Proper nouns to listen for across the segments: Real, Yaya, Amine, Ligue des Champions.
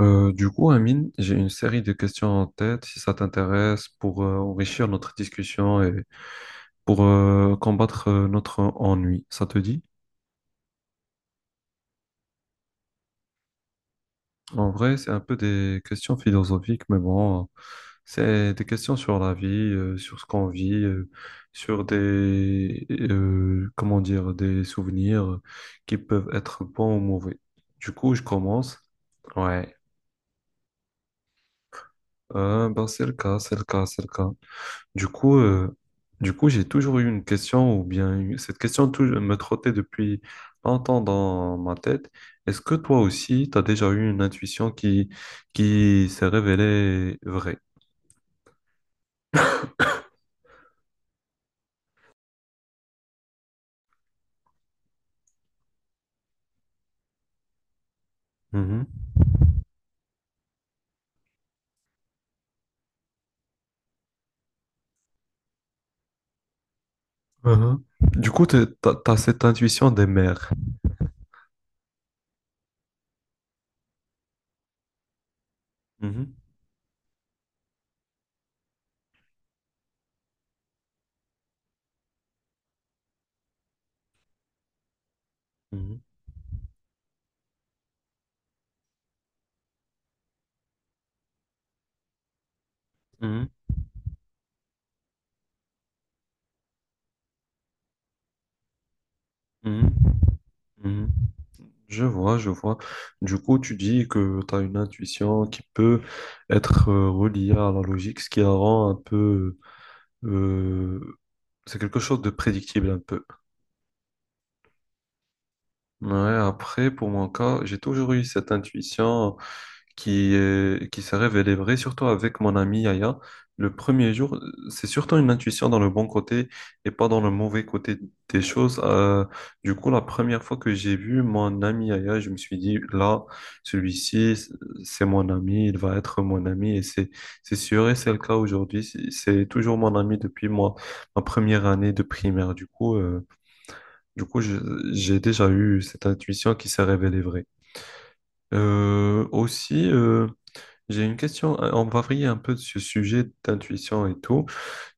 Du coup, Amine, j'ai une série de questions en tête, si ça t'intéresse, pour enrichir notre discussion et pour combattre notre ennui. Ça te dit? En vrai, c'est un peu des questions philosophiques, mais bon, c'est des questions sur la vie, sur ce qu'on vit, sur des, comment dire, des souvenirs qui peuvent être bons ou mauvais. Du coup, je commence. Ouais. Ben, c'est le cas, c'est le cas, c'est le cas. Du coup, euh, du coup, j'ai toujours eu une question, ou bien cette me trottait depuis longtemps dans ma tête. Est-ce que toi aussi, tu as déjà eu une intuition qui s'est révélée vraie? Mhm. Mhm. Du coup, tu as cette intuition des mères. Mhm. Mhm. Mhm. Mhm. Mhm. Je vois, je vois. Du coup, tu dis que tu as une intuition qui peut être reliée à la logique, ce qui la rend un peu euh, c'est quelque chose de prédictible un peu. Ouais, après, pour mon cas, j'ai toujours eu cette intuition qui est, qui s'est révélée vraie, surtout avec mon ami Yaya. Le premier jour, c'est surtout une intuition dans le bon côté et pas dans le mauvais côté des choses. Du coup, la première fois que j'ai vu mon ami Yaya, je me suis dit, là, celui-ci, c'est mon ami, il va être mon ami et c'est sûr et c'est le cas aujourd'hui. C'est toujours mon ami depuis moi, ma première année de primaire. Du coup, j'ai déjà eu cette intuition qui s'est révélée vraie. Aussi, j'ai une question. On va varier un peu de ce sujet d'intuition et tout.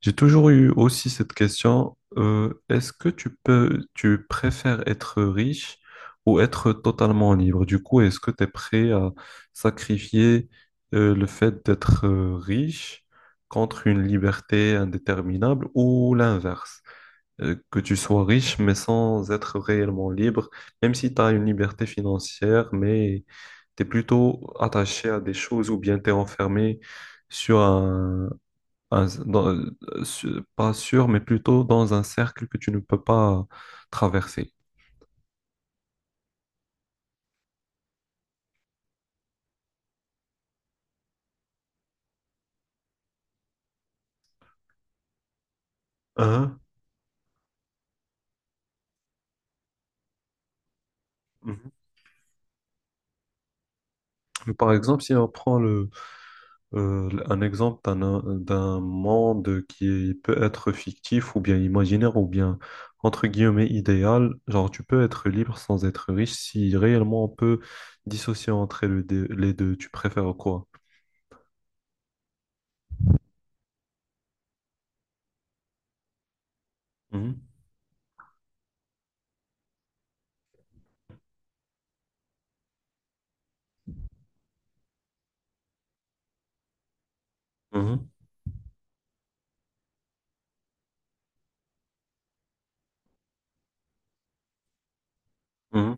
J'ai toujours eu aussi cette question. Est-ce que tu peux, tu préfères être riche ou être totalement libre? Du coup, est-ce que tu es prêt à sacrifier le fait d'être riche contre une liberté indéterminable ou l'inverse? Que tu sois riche, mais sans être réellement libre, même si tu as une liberté financière, mais tu es plutôt attaché à des choses ou bien tu es enfermé sur un, pas sûr, mais plutôt dans un cercle que tu ne peux pas traverser. Hein? Mhm. Par exemple, si on prend le un exemple d'un monde qui est peut être fictif ou bien imaginaire ou bien entre guillemets idéal. Genre, tu peux être libre sans être riche si réellement on peut dissocier entre les deux. Les deux. Tu préfères quoi? Mhm, mhm,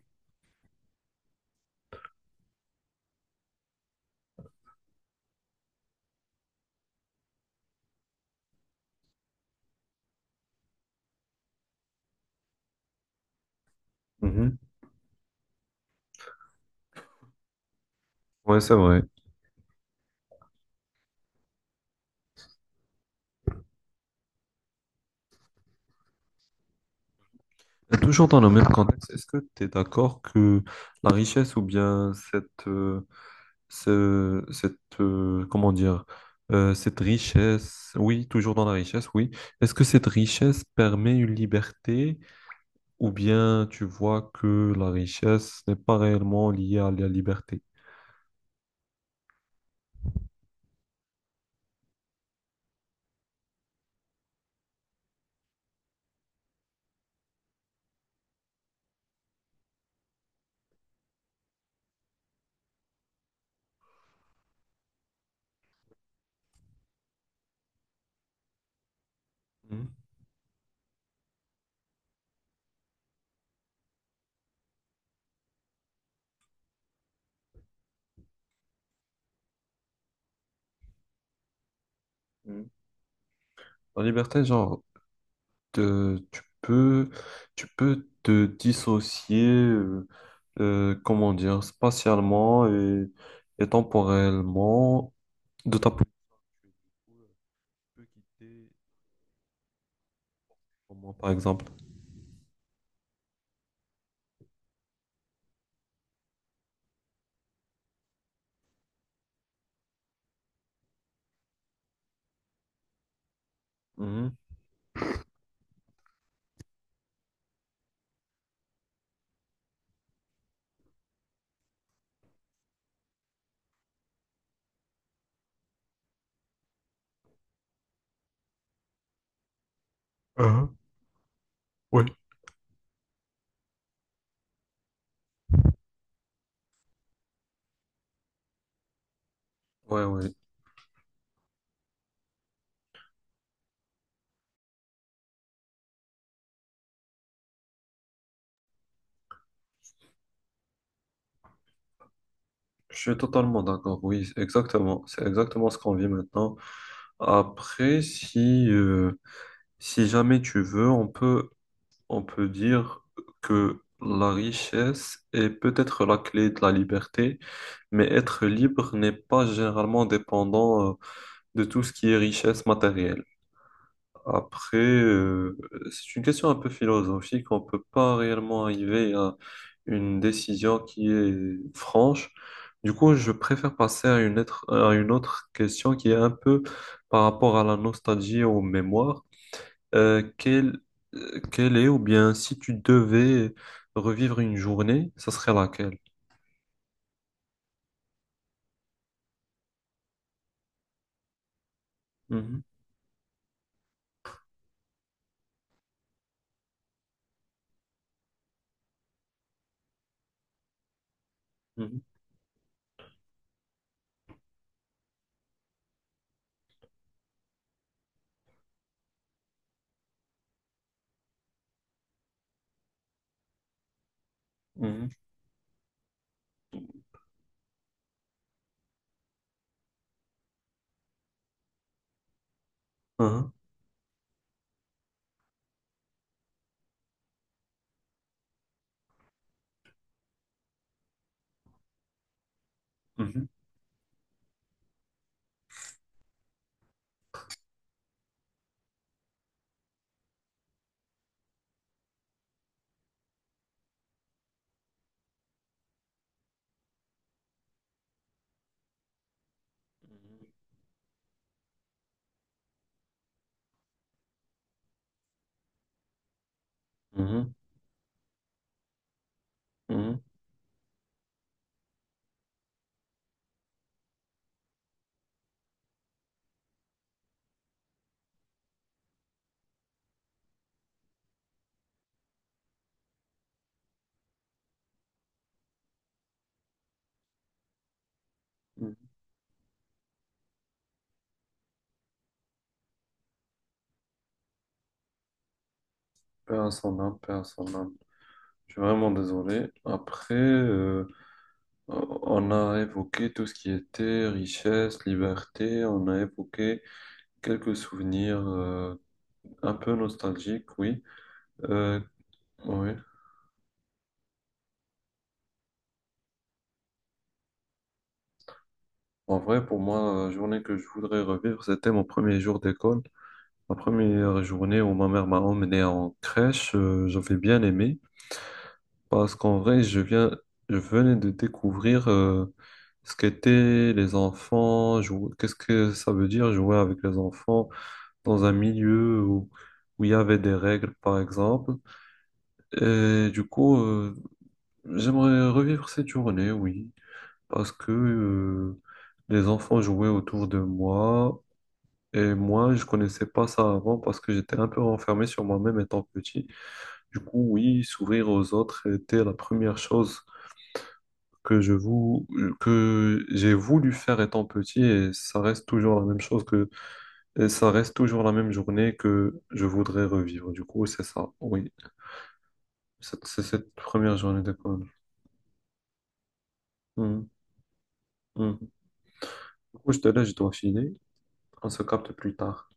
mhm, mhm. Ouais, c'est vrai. Et toujours dans le même contexte, est-ce que tu es d'accord que la richesse ou bien cette, comment dire, cette richesse, oui, toujours dans la richesse, oui. Est-ce que cette richesse permet une liberté ou bien tu vois que la richesse n'est pas réellement liée à la liberté? Mhm. Mhm. La liberté, genre, te- tu peux, tu peux te dissocier, comment dire, spatialement et temporellement de ta position actuelle. Tu peux quitter, comment, par exemple. Hein, ouais. Ouais, ouais, je suis totalement d'accord, oui, exactement, c'est exactement ce qu'on vit maintenant. Après, si jamais tu veux, on peut dire que la richesse est peut-être la clé de la liberté, mais être libre n'est pas généralement dépendant, de tout ce qui est richesse matérielle. Après, c'est une question un peu philosophique. On ne peut pas réellement arriver à une décision qui est franche. Du coup, je préfère passer à une autre question qui est un peu par rapport à la nostalgie et aux mémoires. Euh, quelle, Quelle est, ou bien si tu devais revivre une journée, ça serait laquelle? Mhm, mhm, mhm, mhm, mhm, mhm, mhm, mhm. Paix à son âme, paix à son âme. Je suis vraiment désolé. Après, on a évoqué tout ce qui était richesse, liberté, on a évoqué quelques souvenirs un peu nostalgiques, oui. Euh, oui. En vrai, pour moi, la journée que je voudrais revivre, c'était mon premier jour d'école. Ma première journée où ma mère m'a emmené en crèche, j'avais bien aimé parce qu'en vrai, je viens, je venais de découvrir ce qu'étaient les enfants, qu'est-ce que ça veut dire jouer avec les enfants dans un milieu où, où il y avait des règles, par exemple. Et du coup, j'aimerais revivre cette journée, oui, parce que les enfants jouaient autour de moi. Et moi, je connaissais pas ça avant parce que j'étais un peu renfermé sur moi-même étant petit. Du coup, oui, s'ouvrir aux autres était la première chose que je vou- que j'ai voulu faire étant petit et ça reste toujours la même chose que. Et ça reste toujours la même journée que je voudrais revivre. Du coup, c'est ça. Oui, c'est cette première journée d'école. Mhm. Mhm. Du coup, je te laisse, je dois filer. On se capte plus tard.